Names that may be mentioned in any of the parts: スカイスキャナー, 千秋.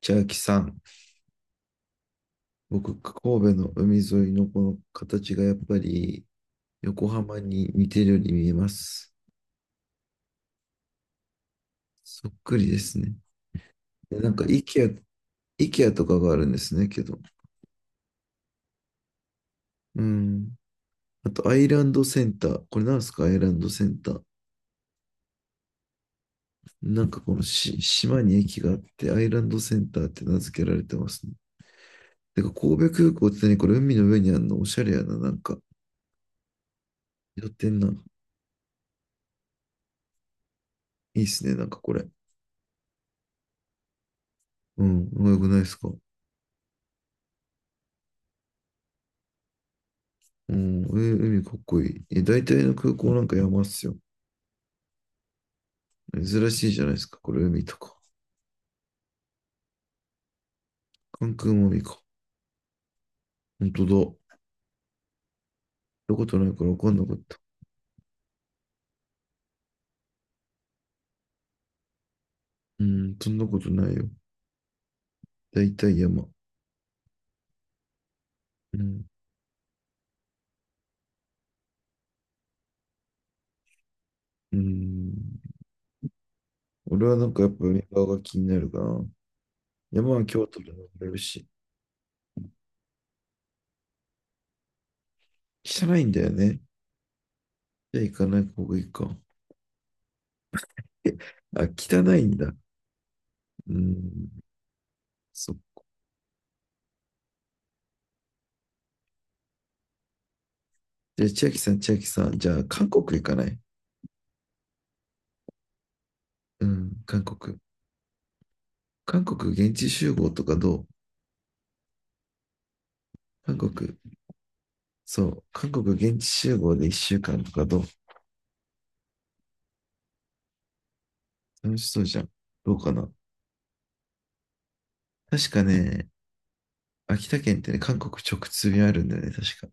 千秋さん、僕、神戸の海沿いのこの形がやっぱり横浜に似てるように見えます。そっくりですね。で、なんか、イケアとかがあるんですね、けど。うん。あと、アイランドセンター。これなんですか、アイランドセンター。なんかこのし島に駅があって、アイランドセンターって名付けられてますね。てか、神戸空港って何これ、海の上にあるのおしゃれやな、なんか。やってんな。いいっすね、なんかこれ。うん、うまくないですか？うん、海かっこいい。え、大体の空港なんか山っすよ。珍しいじゃないですか。これ海とか。関空も海か。ほんとだ。行ったことないから分かんなかった。うん、そんなことないよ。大体山。うん。うん。俺はなんかやっぱ海側が気になるかな。山は京都で登れるし。汚いんだよね。じゃあ行かない方がいいか。え、あ、汚いんだ。うん。そう。じゃあ千秋さん、千秋さん。じゃあ韓国行かない？うん、韓国。韓国現地集合とかどう？韓国、そう、韓国現地集合で1週間とかどう？楽しそうじゃん。どうかな？確かね、秋田県ってね、韓国直通便あるんだよね、確か。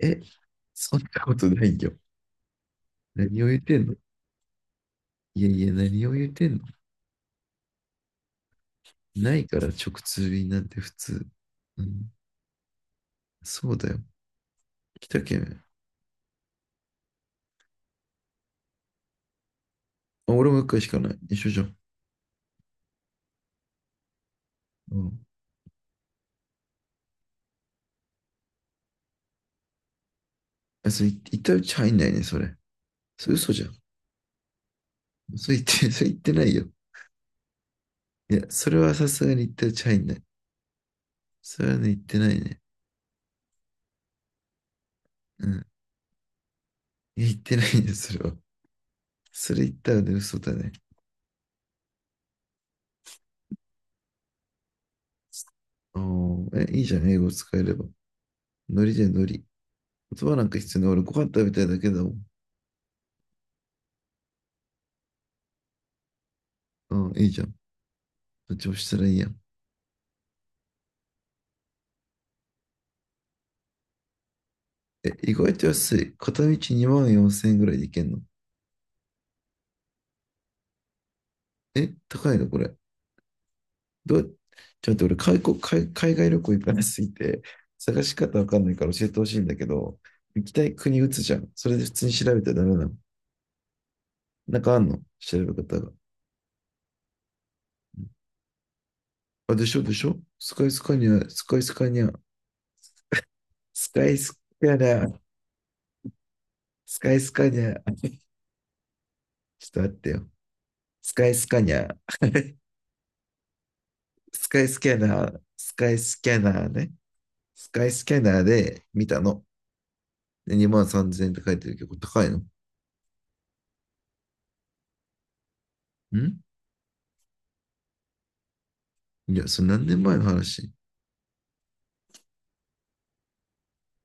え、そんなことないよ。何を言ってんの？いやいや、何を言ってんの？ないから直通便なんて普通。うん、そうだよ。秋田県。あ、俺も一回しかない。一緒じゃん。うん。あ、それ、行ったうち入んないね、それ。それ嘘じゃん。それ言って、それ言ってないよ。いや、それはさすがに行ったうち入んない。それはね、言ってないね。うん。言ってないんです、それは。それ言ったらね、嘘だね。あーえ、いいじゃん、英語使えれば。ノリじゃんノリ。言葉なんか必要ない。俺、ご飯食べたいだけだもん。うん、いいじゃん。どっちもしたらいいやん。え、意外と安い。片道2万4000円ぐらいで行けんの？え、高いのこれ？どう、ちょっと俺海国、海、海外旅行行かなすぎて、探し方わかんないから教えてほしいんだけど、行きたい国打つじゃん。それで普通に調べたらダメなの？なんかあんの、調べ方が。あ、でしょでしょ、スカイスカニア、スカイスカニア、スカイスキャナー、スカイスカニャー、ちょっと待ってよ。スカイスカニャー、スカイスキャナー、スカイスキャナーね。スカイスキャナーで見たの。で、2万3千円って書いてるけど、高いのん？いや、それ何年前の話？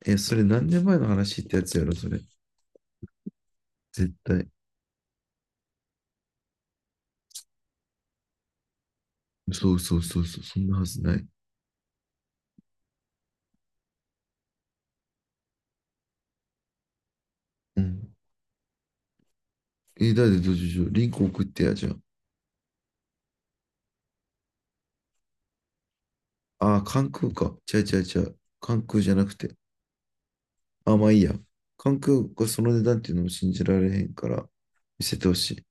え、それ何年前の話ってやつやろ、それ。絶対。そうそうそうそう、そんなはずない。うん。え、だってどうしよう。リンク送ってや、じゃあ。ああ、関空か。違う違う違う。関空じゃなくて。あ、まあいいや。関空がその値段っていうのも信じられへんから、見せてほしい。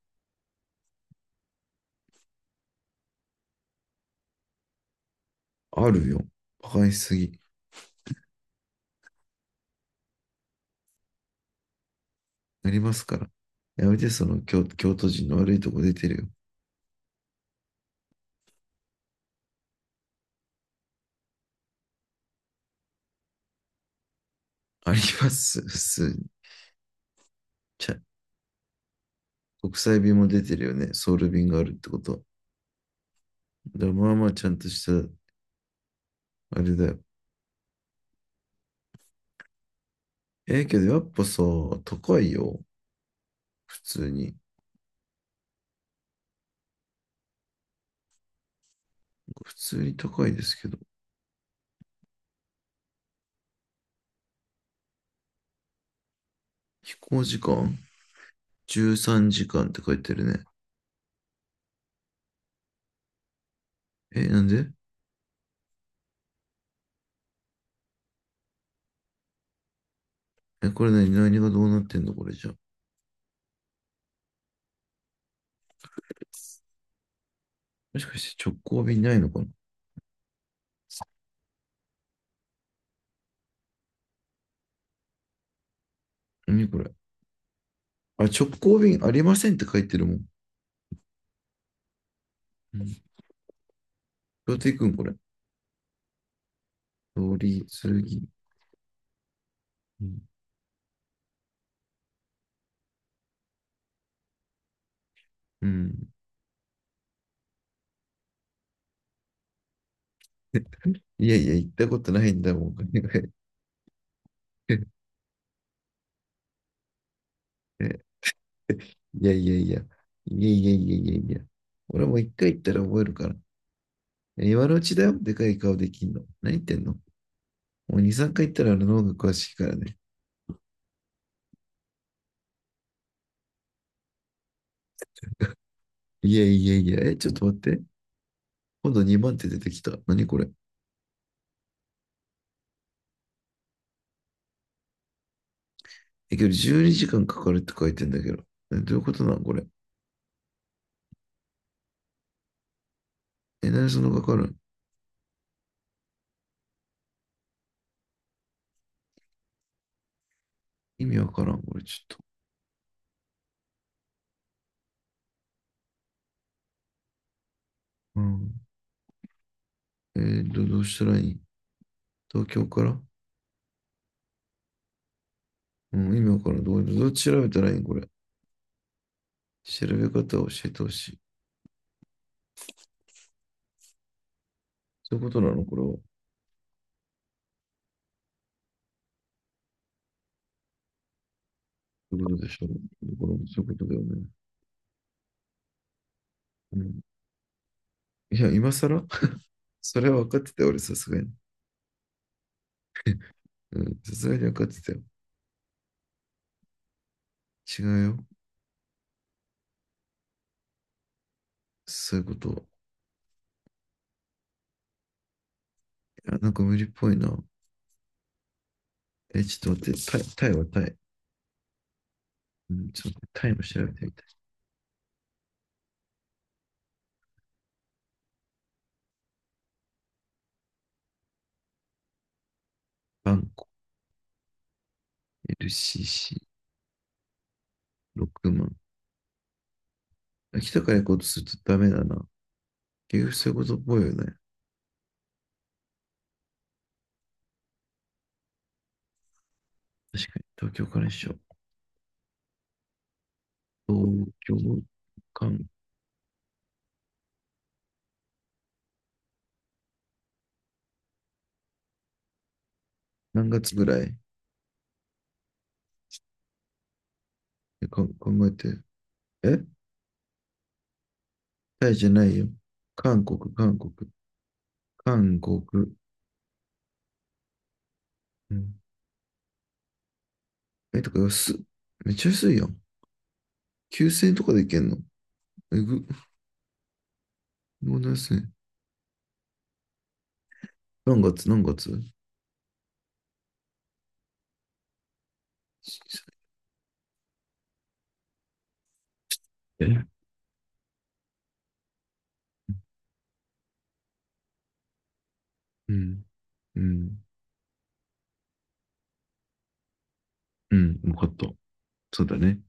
あるよ。馬鹿にしすぎ。なりますから。やめて、その京都人の悪いとこ出てるよ。あります、普通に。ちゃ、国際便も出てるよね。ソウル便があるってことは。だからまあまあちゃんとした、あれだよ。ええけど、やっぱさ、高いよ。普通に。普通に高いですけど。飛行時間 ?13 時間って書いてるね。え、なんで？え、これ何がどうなってんのこれじゃ。もしかして直行便ないのかな？何これ？あ、直行便ありませんって書いてるもん。うん、どうやって行くんこれ？通り過ぎ。うん。うん、いやいや、行ったことないんだもん。いやいやいや。いやいやいやいやいや。俺も一回行ったら覚えるから。今のうちだよ。でかい顔できんの。何言ってんの？もう2、3回行ったらあの脳が詳しいからね。いやいやいや。え、ちょっと待って。今度2番手出てきた。何これ。え、けど12時間かかるって書いてんだけど。どういうことなんこれ？え、何そのかかる？意味わからん、これちょっと。うん。どうしたらいい？東京から、うん、意味わからん。どう調べたらいいんこれ？調べ方を教えてほしい。そういうことなのこれは？そういうことでしょう。これもそういうことだよね。うん。いや、今更 それは分かってたよ、俺、さすがに。うん、さすがに分かってたよ。違うよ。そういうこと。いや、なんか無理っぽいな。え、ちょっと待って、タイ、タイはタイ。うん、ちょっと待ってタイも調べてみたい。バンコ、LCC、6万。秋たから行こうとするとダメだな。結局そういうことっぽいよね。確かに、東京から一緒。東京かん何月ぐらい？か考えて。え、タイじゃないよ。韓国、韓国、韓国。うん、え、とか安っ。めっちゃ安いやん。9000円とかで行けんの？えぐ、もう何すね。何月、何月？え。うん。うん。うん、分かった。そうだね。